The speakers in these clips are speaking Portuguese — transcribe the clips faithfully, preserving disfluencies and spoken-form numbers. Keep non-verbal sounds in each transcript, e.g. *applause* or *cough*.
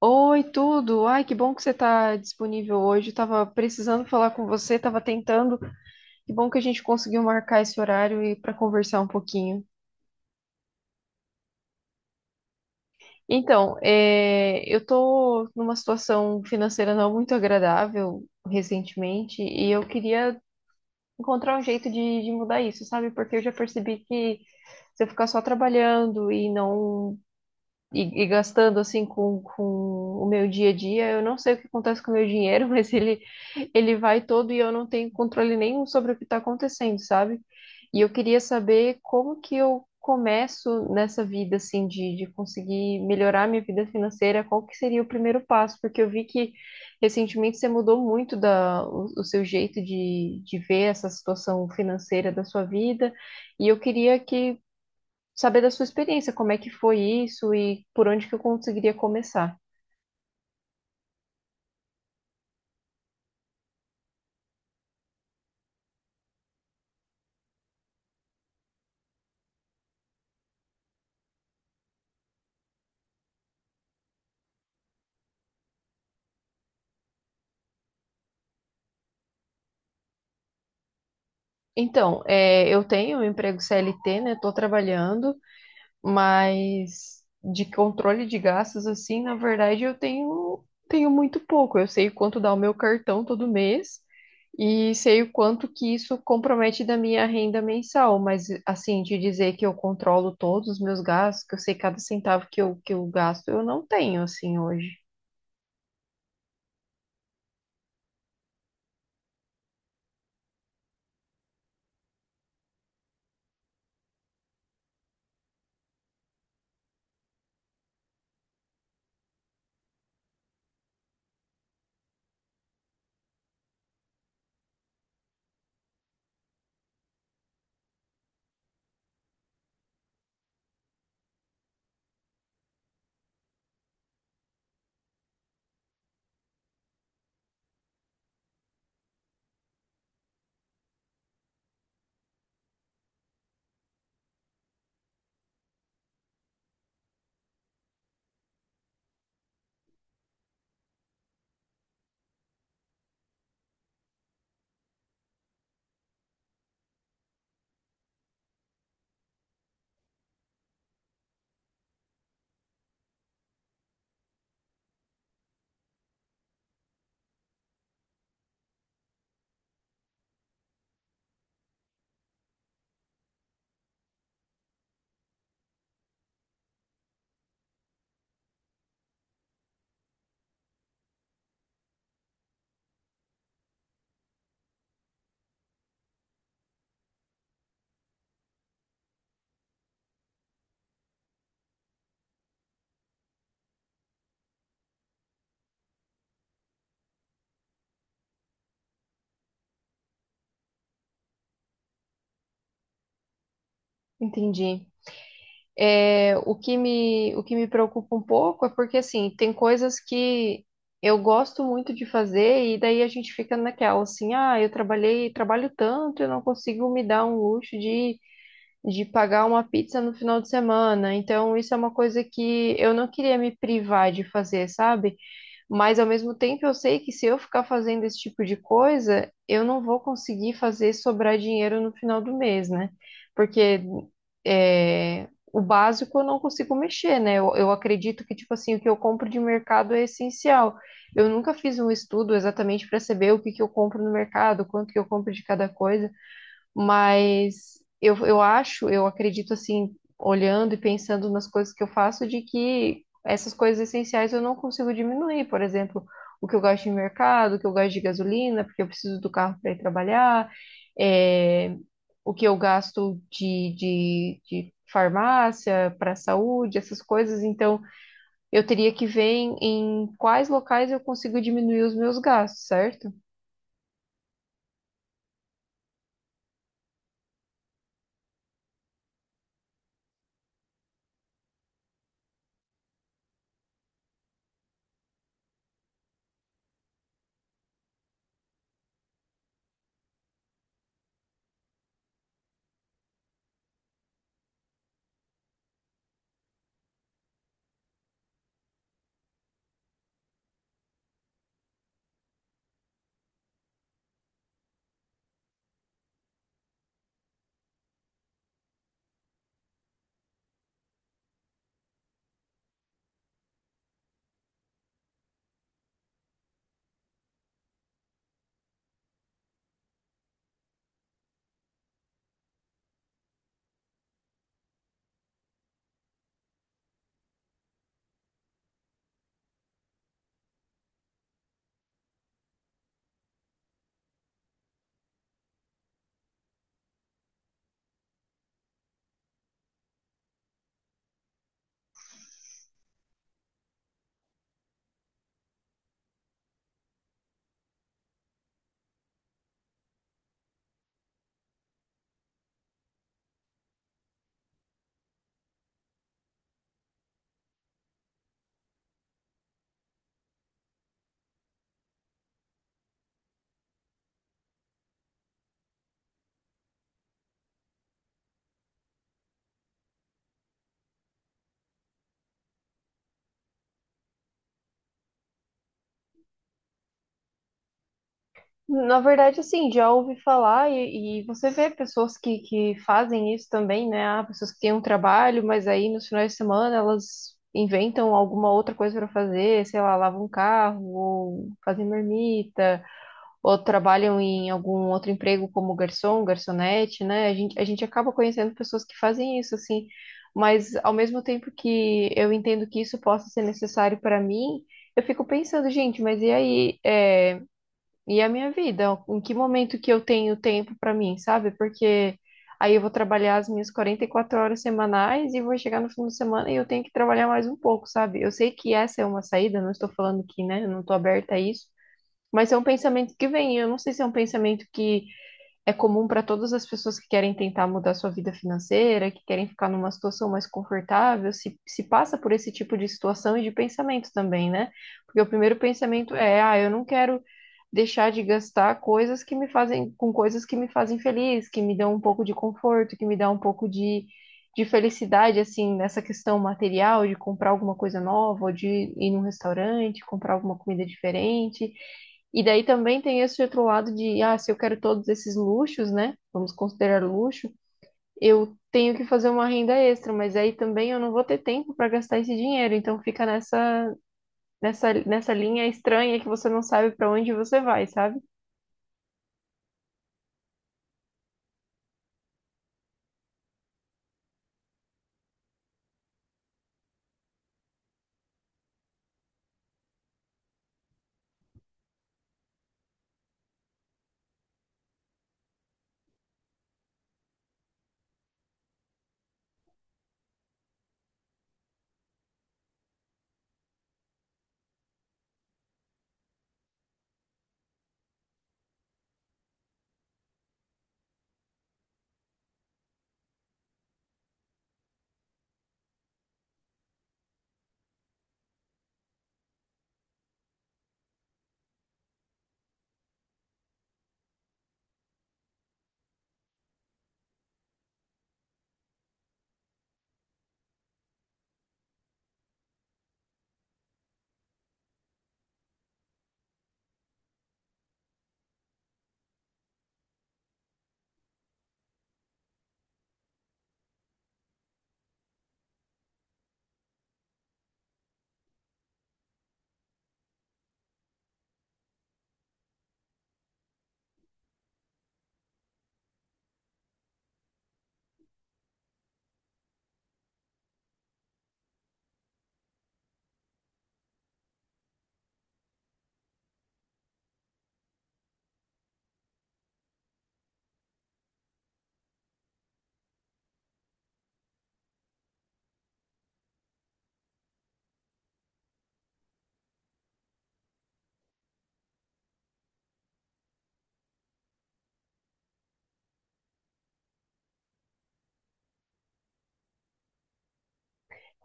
Oi, tudo. Ai, que bom que você está disponível hoje. Estava precisando falar com você, estava tentando. Que bom que a gente conseguiu marcar esse horário e para conversar um pouquinho. Então, é, eu estou numa situação financeira não muito agradável recentemente e eu queria encontrar um jeito de, de mudar isso, sabe? Porque eu já percebi que se eu ficar só trabalhando e não e, e gastando assim com, com o meu dia a dia, eu não sei o que acontece com o meu dinheiro, *laughs* mas ele, ele vai todo e eu não tenho controle nenhum sobre o que está acontecendo, sabe? E eu queria saber como que eu começo nessa vida, assim, de, de conseguir melhorar minha vida financeira, qual que seria o primeiro passo? Porque eu vi que recentemente você mudou muito da, o, o seu jeito de, de ver essa situação financeira da sua vida, e eu queria que saber da sua experiência, como é que foi isso e por onde que eu conseguiria começar. Então, é, eu tenho um emprego C L T, né? Estou trabalhando, mas de controle de gastos, assim, na verdade, eu tenho, tenho muito pouco. Eu sei quanto dá o meu cartão todo mês e sei o quanto que isso compromete da minha renda mensal. Mas, assim, de dizer que eu controlo todos os meus gastos, que eu sei cada centavo que eu, que eu gasto, eu não tenho, assim, hoje. Entendi. É, o que me, o que me preocupa um pouco é porque, assim, tem coisas que eu gosto muito de fazer e daí a gente fica naquela, assim, ah, eu trabalhei, trabalho tanto, eu não consigo me dar um luxo de, de pagar uma pizza no final de semana. Então, isso é uma coisa que eu não queria me privar de fazer, sabe? Mas ao mesmo tempo eu sei que se eu ficar fazendo esse tipo de coisa, eu não vou conseguir fazer sobrar dinheiro no final do mês, né? Porque é, o básico eu não consigo mexer, né? Eu, eu acredito que, tipo assim, o que eu compro de mercado é essencial. Eu nunca fiz um estudo exatamente para saber o que que eu compro no mercado, quanto que eu compro de cada coisa. Mas eu, eu acho, eu acredito assim, olhando e pensando nas coisas que eu faço, de que essas coisas essenciais eu não consigo diminuir. Por exemplo, o que eu gasto em mercado, o que eu gasto de gasolina, porque eu preciso do carro para ir trabalhar, é, o que eu gasto de, de, de farmácia para saúde, essas coisas. Então, eu teria que ver em, em quais locais eu consigo diminuir os meus gastos, certo? Na verdade, assim, já ouvi falar e, e você vê pessoas que, que fazem isso também, né? Ah, pessoas que têm um trabalho, mas aí nos finais de semana elas inventam alguma outra coisa para fazer, sei lá, lavam um carro, ou fazem marmita, ou trabalham em algum outro emprego como garçom, garçonete, né? A gente, a gente acaba conhecendo pessoas que fazem isso, assim, mas ao mesmo tempo que eu entendo que isso possa ser necessário para mim, eu fico pensando, gente, mas e aí? É e a minha vida, em que momento que eu tenho tempo para mim, sabe? Porque aí eu vou trabalhar as minhas quarenta e quatro horas semanais e vou chegar no fim de semana e eu tenho que trabalhar mais um pouco, sabe? Eu sei que essa é uma saída, não estou falando que, né, eu não estou aberta a isso, mas é um pensamento que vem. Eu não sei se é um pensamento que é comum para todas as pessoas que querem tentar mudar sua vida financeira, que querem ficar numa situação mais confortável, se, se passa por esse tipo de situação e de pensamento também, né? Porque o primeiro pensamento é, ah, eu não quero deixar de gastar coisas que me fazem, com coisas que me fazem feliz, que me dão um pouco de conforto, que me dão um pouco de, de felicidade, assim, nessa questão material, de comprar alguma coisa nova, ou de ir num restaurante, comprar alguma comida diferente e daí também tem esse outro lado de, ah, se eu quero todos esses luxos, né? Vamos considerar luxo, eu tenho que fazer uma renda extra, mas aí também eu não vou ter tempo para gastar esse dinheiro. Então fica nessa, nessa, nessa linha estranha que você não sabe para onde você vai, sabe?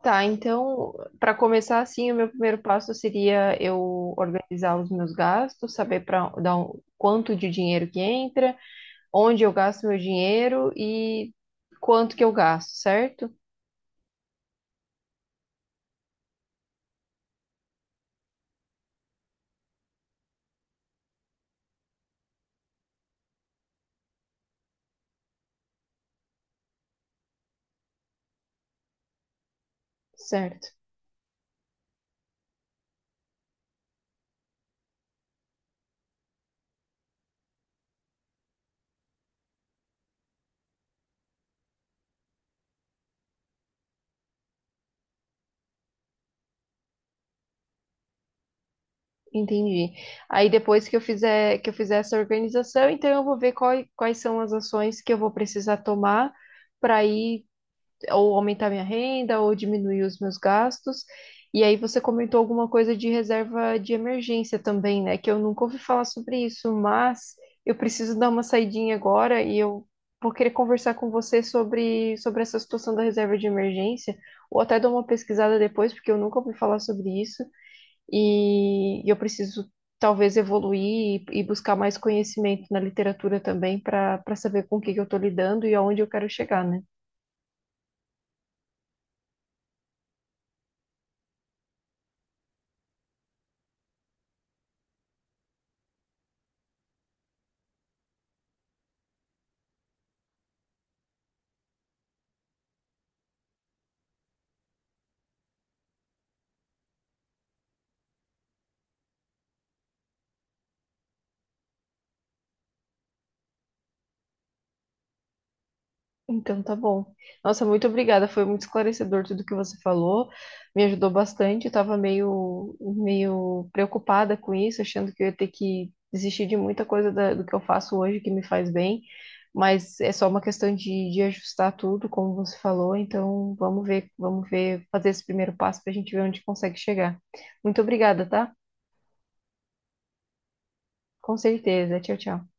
Tá, então, para começar assim, o meu primeiro passo seria eu organizar os meus gastos, saber para dar um, quanto de dinheiro que entra, onde eu gasto meu dinheiro e quanto que eu gasto, certo? Certo. Entendi. Aí depois que eu fizer que eu fizer essa organização, então eu vou ver qual- quais são as ações que eu vou precisar tomar para ir ou aumentar minha renda ou diminuir os meus gastos. E aí você comentou alguma coisa de reserva de emergência também, né? Que eu nunca ouvi falar sobre isso, mas eu preciso dar uma saidinha agora e eu vou querer conversar com você sobre sobre essa situação da reserva de emergência ou até dar uma pesquisada depois, porque eu nunca ouvi falar sobre isso e, e eu preciso talvez evoluir e, e buscar mais conhecimento na literatura também para para saber com o que que eu estou lidando e aonde eu quero chegar, né? Então tá bom. Nossa, muito obrigada. Foi muito esclarecedor tudo que você falou. Me ajudou bastante. Eu tava meio, meio preocupada com isso, achando que eu ia ter que desistir de muita coisa da- do que eu faço hoje que me faz bem. Mas é só uma questão de, de ajustar tudo, como você falou. Então vamos ver, vamos ver, fazer esse primeiro passo para a gente ver onde consegue chegar. Muito obrigada, tá? Com certeza. Tchau, tchau.